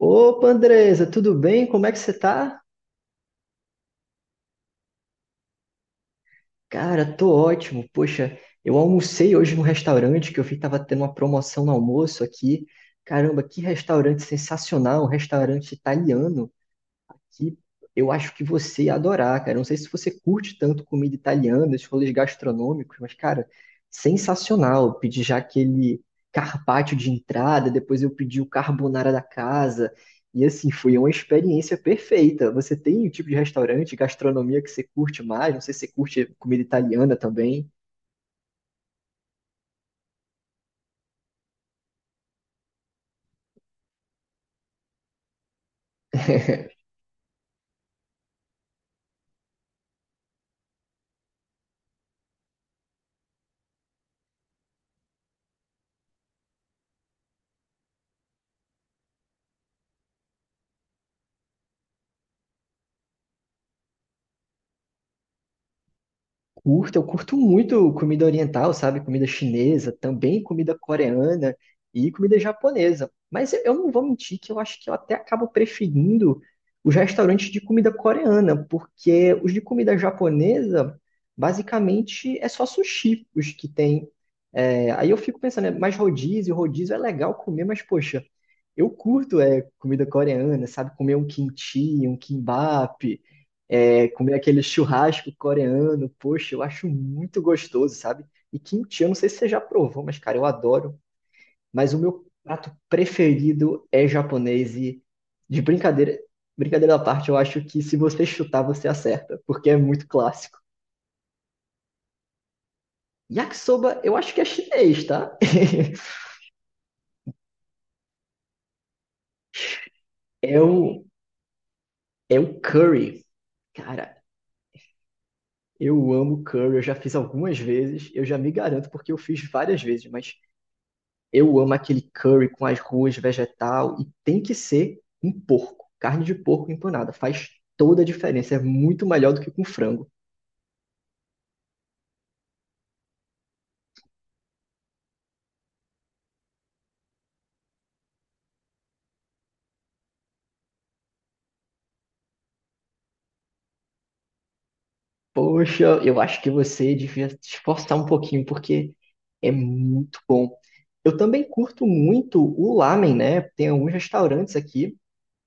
Opa, Andresa, tudo bem? Como é que você tá? Cara, tô ótimo. Poxa, eu almocei hoje num restaurante que eu vi que tava tendo uma promoção no almoço aqui. Caramba, que restaurante sensacional, um restaurante italiano. Que eu acho que você ia adorar, cara. Não sei se você curte tanto comida italiana, esses rolês gastronômicos, mas, cara, sensacional. Eu pedi já aquele carpaccio de entrada, depois eu pedi o carbonara da casa. E assim, foi uma experiência perfeita. Você tem o tipo de restaurante, gastronomia que você curte mais? Não sei se você curte comida italiana também. Curto, eu curto muito comida oriental, sabe? Comida chinesa, também comida coreana e comida japonesa. Mas eu não vou mentir que eu acho que eu até acabo preferindo os restaurantes de comida coreana, porque os de comida japonesa, basicamente, é só sushi os que tem. É, aí eu fico pensando, é mais rodízio, rodízio é legal comer, mas poxa, eu curto é, comida coreana, sabe? Comer um kimchi, um kimbap é, comer aquele churrasco coreano, poxa, eu acho muito gostoso, sabe? E kimchi, eu não sei se você já provou, mas cara, eu adoro. Mas o meu prato preferido é japonês e de brincadeira, brincadeira à parte, eu acho que se você chutar, você acerta, porque é muito clássico. Yakisoba, eu acho que é chinês, tá? É o, É o curry. Cara, eu amo curry, eu já fiz algumas vezes, eu já me garanto porque eu fiz várias vezes, mas eu amo aquele curry com as ruas vegetal e tem que ser um porco. Carne de porco empanada faz toda a diferença. É muito melhor do que com frango. Poxa, eu acho que você devia se esforçar um pouquinho porque é muito bom. Eu também curto muito o lamen, né? Tem alguns restaurantes aqui.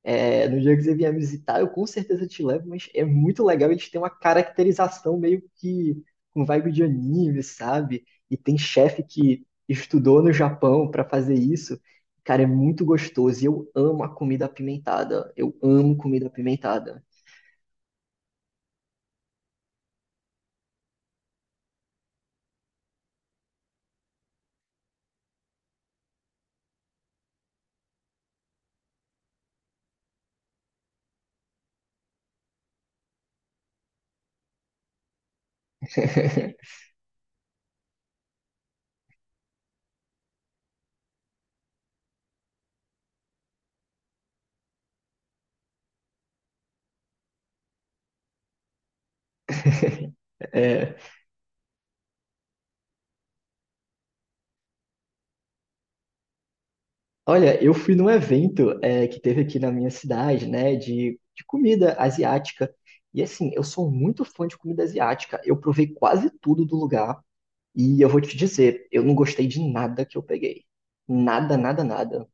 É, no dia que você vier me visitar, eu com certeza te levo, mas é muito legal. Eles têm uma caracterização meio que com vibe de anime, sabe? E tem chefe que estudou no Japão para fazer isso. Cara, é muito gostoso. E eu amo a comida apimentada. Eu amo comida apimentada. É, olha, eu fui num evento que teve aqui na minha cidade, né, de comida asiática. E assim, eu sou muito fã de comida asiática. Eu provei quase tudo do lugar. E eu vou te dizer, eu não gostei de nada que eu peguei. Nada, nada, nada.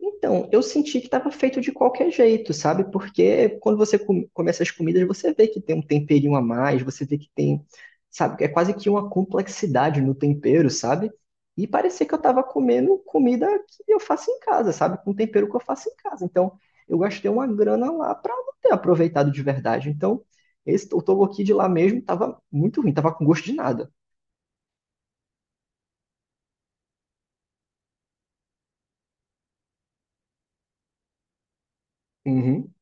Então, eu senti que estava feito de qualquer jeito, sabe? Porque quando você come essas comidas, você vê que tem um temperinho a mais, você vê que tem, sabe? É quase que uma complexidade no tempero, sabe? E parecia que eu estava comendo comida que eu faço em casa, sabe? Com tempero que eu faço em casa. Então, eu gastei uma grana lá para não ter aproveitado de verdade. Então, o tteokbokki de lá mesmo estava muito ruim, estava com gosto de nada. Uhum.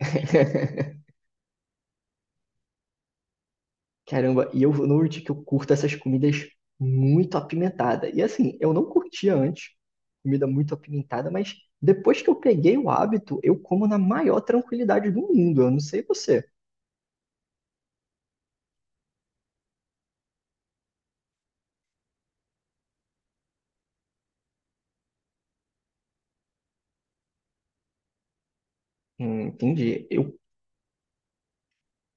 Caramba, e eu noto que eu curto essas comidas muito apimentada. E assim, eu não curtia antes comida muito apimentada, mas depois que eu peguei o hábito, eu como na maior tranquilidade do mundo. Eu não sei você. Entendi. Eu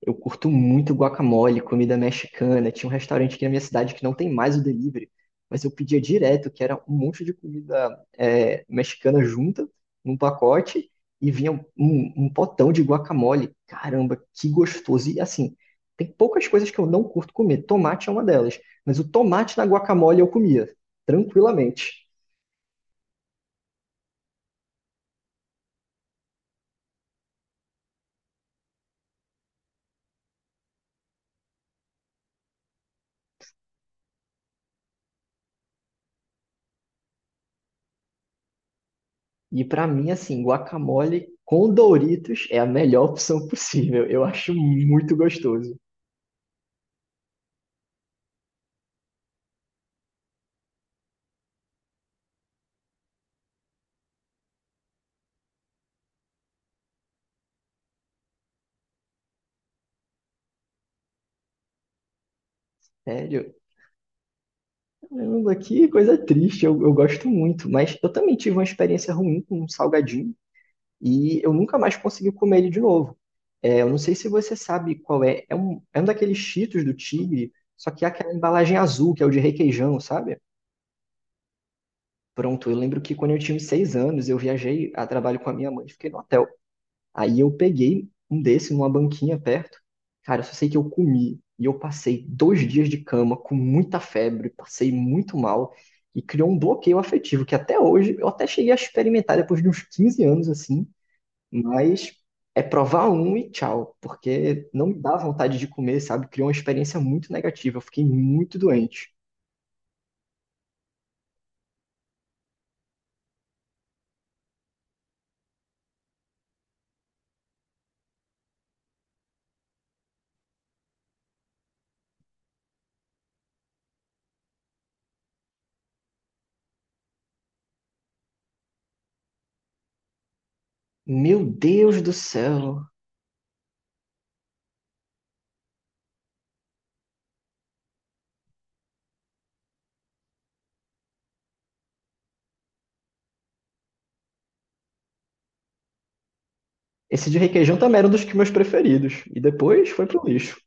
Eu curto muito guacamole, comida mexicana. Tinha um restaurante aqui na minha cidade que não tem mais o delivery, mas eu pedia direto, que era um monte de comida é, mexicana junta, num pacote, e vinha um potão de guacamole. Caramba, que gostoso! E assim, tem poucas coisas que eu não curto comer. Tomate é uma delas, mas o tomate na guacamole eu comia, tranquilamente. E pra mim, assim, guacamole com Doritos é a melhor opção possível. Eu acho muito gostoso. Sério, caramba, que coisa triste, eu gosto muito, mas eu também tive uma experiência ruim com um salgadinho e eu nunca mais consegui comer ele de novo. É, eu não sei se você sabe qual é, é um daqueles Cheetos do Tigre, só que é aquela embalagem azul, que é o de requeijão, sabe? Pronto, eu lembro que quando eu tinha uns seis anos, eu viajei a trabalho com a minha mãe, fiquei no hotel. Aí eu peguei um desse numa banquinha perto. Cara, eu só sei que eu comi e eu passei dois dias de cama com muita febre, passei muito mal e criou um bloqueio afetivo que até hoje eu até cheguei a experimentar depois de uns 15 anos assim, mas é provar um e tchau, porque não me dá vontade de comer, sabe? Criou uma experiência muito negativa, eu fiquei muito doente. Meu Deus do céu! Esse de requeijão também era um dos que meus preferidos e depois foi pro lixo.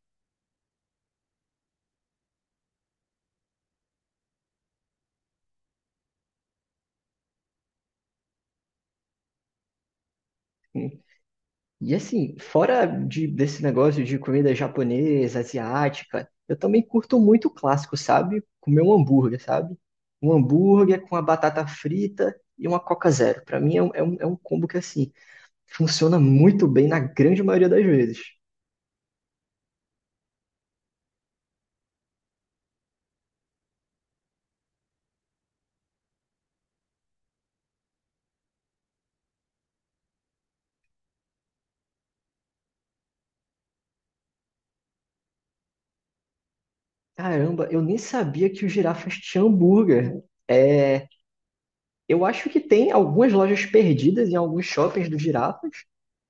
E assim, fora desse negócio de comida japonesa, asiática, eu também curto muito o clássico, sabe? Comer um hambúrguer, sabe? Um hambúrguer com a batata frita e uma Coca Zero. Pra mim é é um combo que, assim, funciona muito bem na grande maioria das vezes. Caramba, eu nem sabia que o girafas tinha hambúrguer. É, eu acho que tem algumas lojas perdidas em alguns shoppings do Girafas.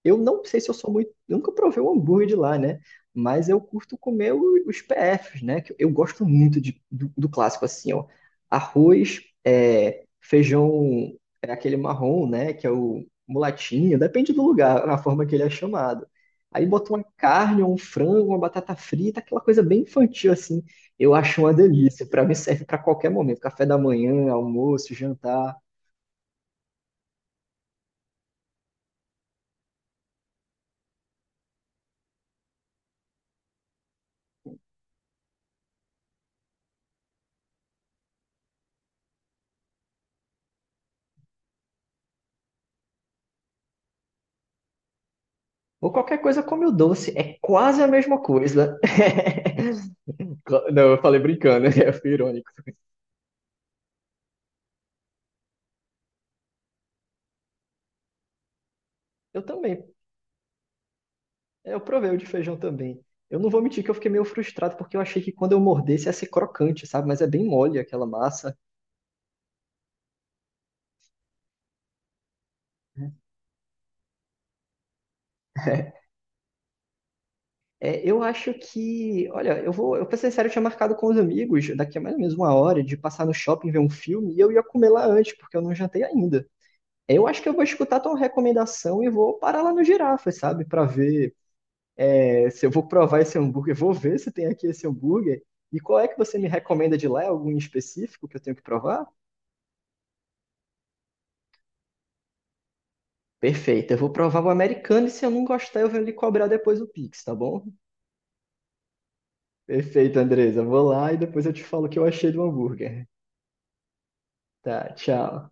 Eu não sei se eu sou muito. Eu nunca provei um hambúrguer de lá, né? Mas eu curto comer os PFs, né? Que eu gosto muito do clássico, assim, ó. Arroz, é, feijão, é aquele marrom, né? Que é o mulatinho, depende do lugar, a forma que ele é chamado. Aí bota uma carne, um frango, uma batata frita, aquela coisa bem infantil, assim. Eu acho uma delícia. Pra mim serve pra qualquer momento. Café da manhã, almoço, jantar. Ou qualquer coisa come o doce, é quase a mesma coisa. Não, eu falei brincando, eu fui irônico. Eu também, eu provei o de feijão também. Eu não vou mentir que eu fiquei meio frustrado, porque eu achei que quando eu mordesse ia ser crocante, sabe? Mas é bem mole aquela massa. É, eu acho que, olha, eu pra ser sério, eu tinha marcado com os amigos daqui a mais ou menos uma hora de passar no shopping ver um filme e eu ia comer lá antes, porque eu não jantei ainda. Eu acho que eu vou escutar tua recomendação e vou parar lá no Girafas, sabe? Pra ver é, se eu vou provar esse hambúrguer, vou ver se tem aqui esse hambúrguer. E qual é que você me recomenda de lá? Algum específico que eu tenho que provar? Perfeito, eu vou provar o americano e se eu não gostar, eu venho lhe cobrar depois o Pix, tá bom? Perfeito, Andresa. Vou lá e depois eu te falo o que eu achei do hambúrguer. Tá, tchau.